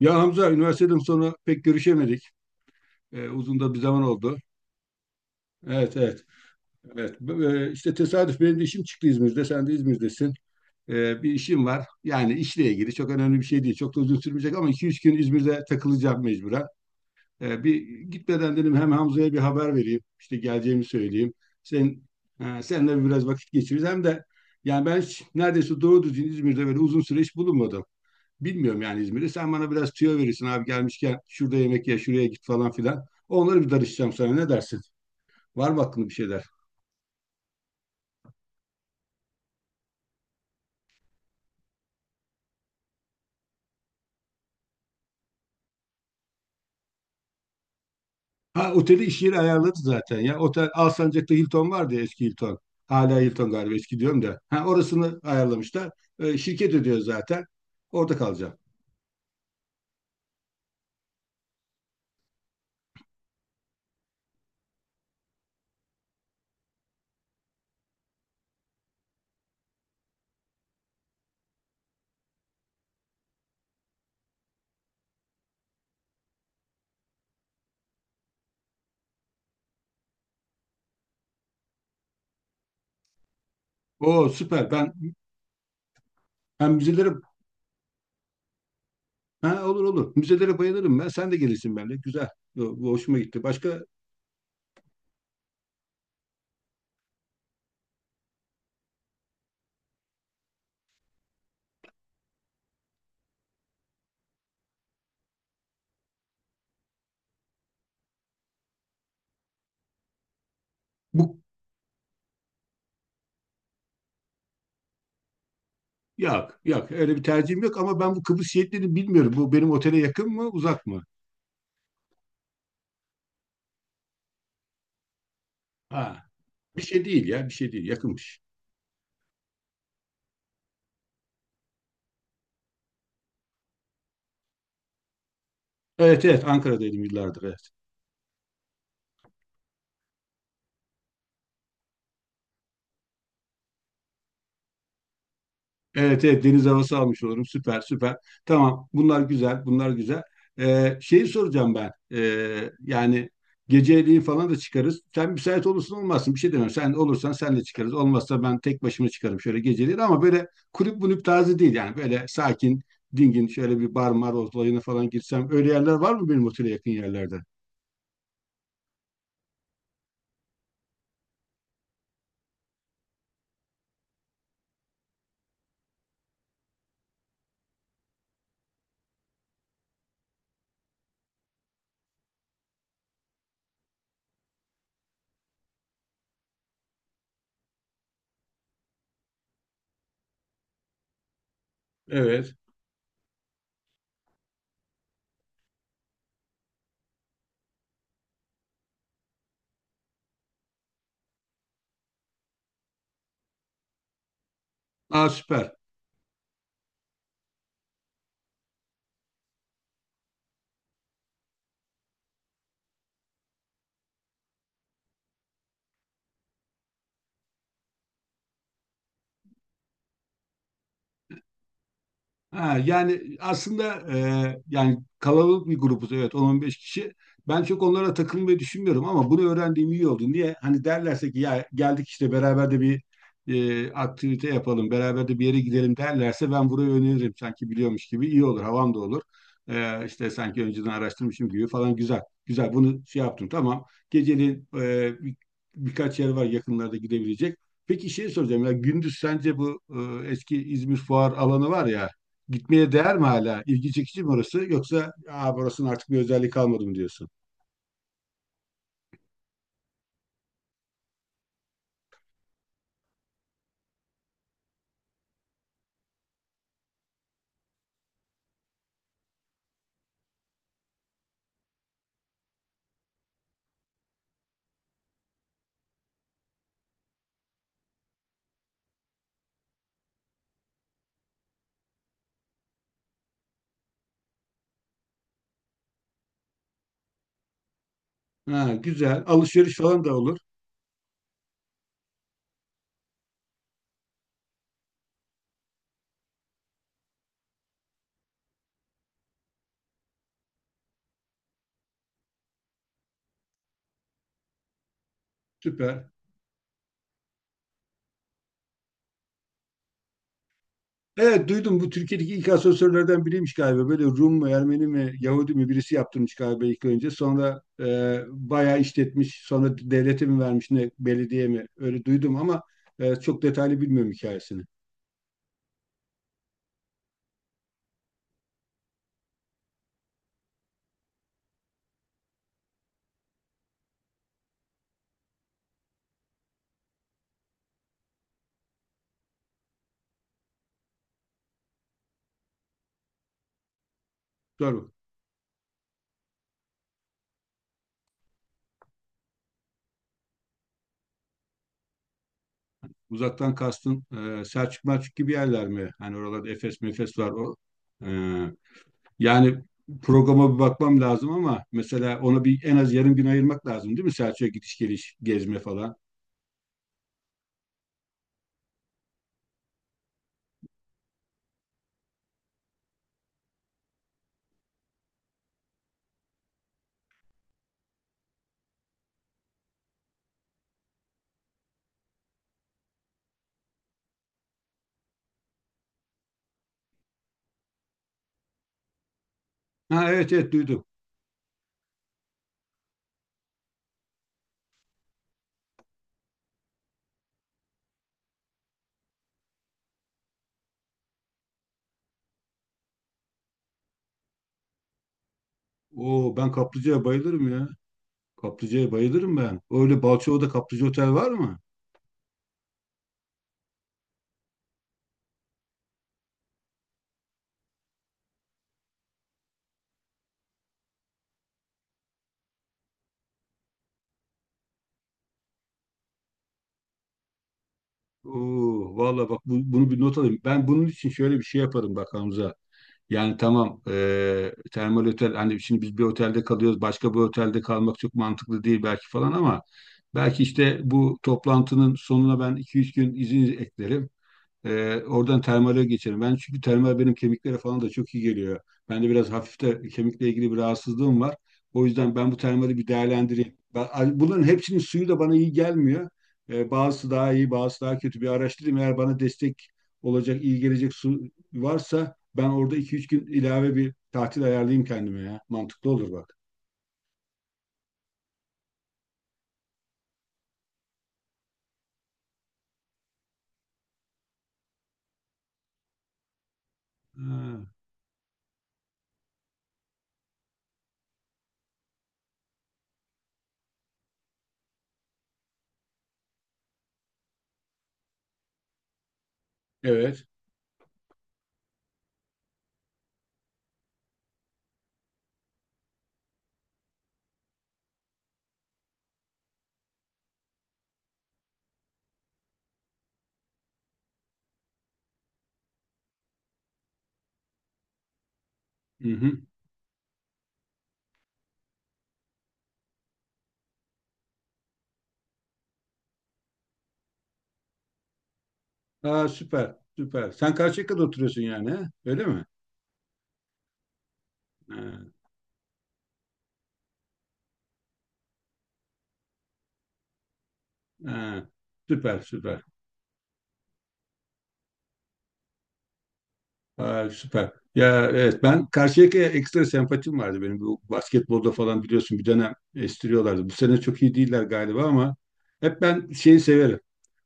Ya Hamza, üniversiteden sonra pek görüşemedik. Uzun da bir zaman oldu. Evet, evet, evet. İşte tesadüf, benim de işim çıktı İzmir'de. Sen de İzmir'desin. Bir işim var. Yani işle ilgili çok önemli bir şey değil. Çok da uzun sürmeyecek ama iki üç gün İzmir'de takılacağım mecburen. Bir, gitmeden dedim, hem Hamza'ya bir haber vereyim. İşte geleceğimi söyleyeyim. Sen, ha, seninle biraz vakit geçiririz. Hem de yani ben hiç neredeyse doğru düzgün İzmir'de böyle uzun süre hiç bulunmadım. Bilmiyorum yani İzmir'i. Sen bana biraz tüyo verirsin abi, gelmişken şurada yemek ye, şuraya git falan filan. Onları bir darışacağım sana, ne dersin? Var mı aklında bir şeyler? Ha, oteli iş yeri ayarladı zaten ya. Otel Alsancak'ta Hilton vardı ya, eski Hilton. Hala Hilton galiba, eski diyorum da. Ha, orasını ayarlamışlar. Şirket ödüyor zaten. Orada kalacağım. Oo, süper. Ben hem müzelere Ha, olur olur. Müzelere bayılırım ben. Sen de gelirsin benimle. Güzel. Bu hoşuma gitti. Başka bu Yok, yok. Öyle bir tercihim yok, ama ben bu Kıbrıs Şehitlerini bilmiyorum. Bu benim otele yakın mı, uzak mı? Ha, bir şey değil ya, bir şey değil. Yakınmış. Evet, evet. Ankara'daydım yıllardır. Evet. Evet, evet, deniz havası almış olurum. Süper, süper. Tamam, bunlar güzel, bunlar güzel. Şeyi soracağım ben. Yani geceliği falan da çıkarız. Sen müsait olursun olmazsın bir şey demem. Sen olursan sen de çıkarız. Olmazsa ben tek başıma çıkarım şöyle geceliği. Ama böyle kulüp bunüp tarzı değil yani. Böyle sakin, dingin şöyle bir bar mar olayına falan girsem. Öyle yerler var mı benim otele yakın yerlerde? Evet. Aa, süper. Ha, yani aslında yani kalabalık bir grubuz, evet, 10-15 kişi. Ben çok onlara takılmayı düşünmüyorum, ama bunu öğrendiğim iyi oldu. Niye? Hani derlerse ki, ya geldik işte, beraber de bir aktivite yapalım, beraber de bir yere gidelim derlerse, ben burayı öneririm, sanki biliyormuş gibi iyi olur, havam da olur. İşte sanki önceden araştırmışım gibi falan, güzel. Güzel, bunu şey yaptım, tamam. Geceliğin birkaç yer var yakınlarda gidebilecek. Peki şey soracağım, ya gündüz sence bu eski İzmir Fuar alanı var ya, gitmeye değer mi hala? İlgi çekici mi orası? Yoksa, aa, burasının artık bir özelliği kalmadı mı diyorsun? Ha, güzel. Alışveriş falan da olur. Süper. Evet, duydum, bu Türkiye'deki ilk asansörlerden biriymiş galiba. Böyle Rum mu, Ermeni mi, Yahudi mi birisi yaptırmış galiba ilk önce. Sonra bayağı işletmiş. Sonra devlete mi vermiş ne, belediye mi? Öyle duydum ama çok detaylı bilmiyorum hikayesini. Dur, uzaktan kastın Selçuk Melçuk gibi yerler mi? Hani oralarda Efes Mefes var, o. E, Yani programa bir bakmam lazım, ama mesela ona bir en az yarım gün ayırmak lazım değil mi? Selçuk'a gidiş geliş, gezme falan. Ha, evet, evet, duydum. Oo, ben kaplıcaya bayılırım ya. Kaplıcaya bayılırım ben. Öyle Balçova'da kaplıca otel var mı? Oo, vallahi bak, bunu bir not alayım. Ben bunun için şöyle bir şey yaparım, bak Hamza. Yani tamam, termal otel, hani şimdi biz bir otelde kalıyoruz, başka bir otelde kalmak çok mantıklı değil belki falan, ama belki işte bu toplantının sonuna ben 2-3 gün izin eklerim. Oradan termale geçelim. Ben çünkü termal benim kemiklere falan da çok iyi geliyor. Bende biraz hafif de kemikle ilgili bir rahatsızlığım var. O yüzden ben bu termali bir değerlendireyim. Bunların hepsinin suyu da bana iyi gelmiyor. Bazısı daha iyi, bazısı daha kötü. Bir araştırayım. Eğer bana destek olacak, iyi gelecek su varsa, ben orada iki üç gün ilave bir tatil ayarlayayım kendime ya. Mantıklı olur, bak. Ha, evet. Hı hı. Aa, süper, süper. Sen Karşıyaka'da oturuyorsun yani, he? Öyle mi? Ha, ha. Süper, süper. Ha, süper. Ya evet, ben Karşıyaka'ya ekstra sempatim vardı benim. Bu basketbolda falan biliyorsun, bir dönem estiriyorlardı. Bu sene çok iyi değiller galiba, ama hep ben şeyi severim.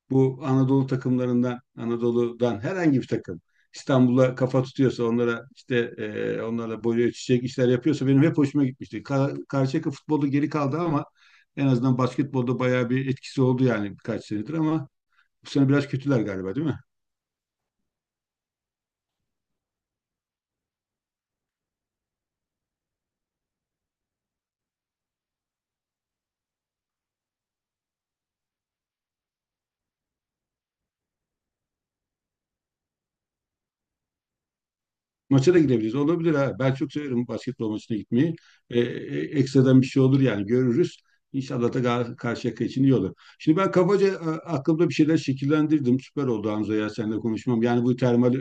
Bu Anadolu takımlarından, Anadolu'dan herhangi bir takım İstanbul'a kafa tutuyorsa, onlara işte onlarla boyu ölçüşecek işler yapıyorsa, benim hep hoşuma gitmişti. Karşıyaka futbolda geri kaldı ama en azından basketbolda bayağı bir etkisi oldu yani, birkaç senedir, ama bu sene biraz kötüler galiba, değil mi? Maça da gidebiliriz. Olabilir ha. Ben çok severim basketbol maçına gitmeyi. Ekstradan bir şey olur yani, görürüz. İnşallah da Karşıyaka için iyi olur. Şimdi ben kabaca aklımda bir şeyler şekillendirdim. Süper oldu Hamza ya, seninle konuşmam. Yani bu termal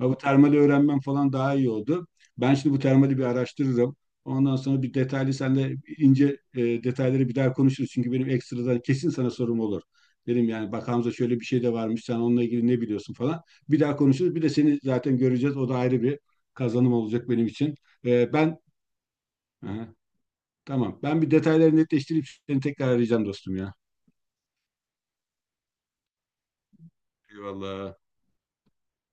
Ha, bu termali öğrenmem falan daha iyi oldu. Ben şimdi bu termali bir araştırırım. Ondan sonra bir detaylı senle ince detayları bir daha konuşuruz. Çünkü benim ekstradan kesin sana sorum olur. Dedim yani, bak Hamza, şöyle bir şey de varmış. Sen onunla ilgili ne biliyorsun falan. Bir daha konuşuruz. Bir de seni zaten göreceğiz. O da ayrı bir kazanım olacak benim için. E, ben Aha, tamam. Ben bir detayları netleştirip seni tekrar arayacağım dostum ya. Eyvallah.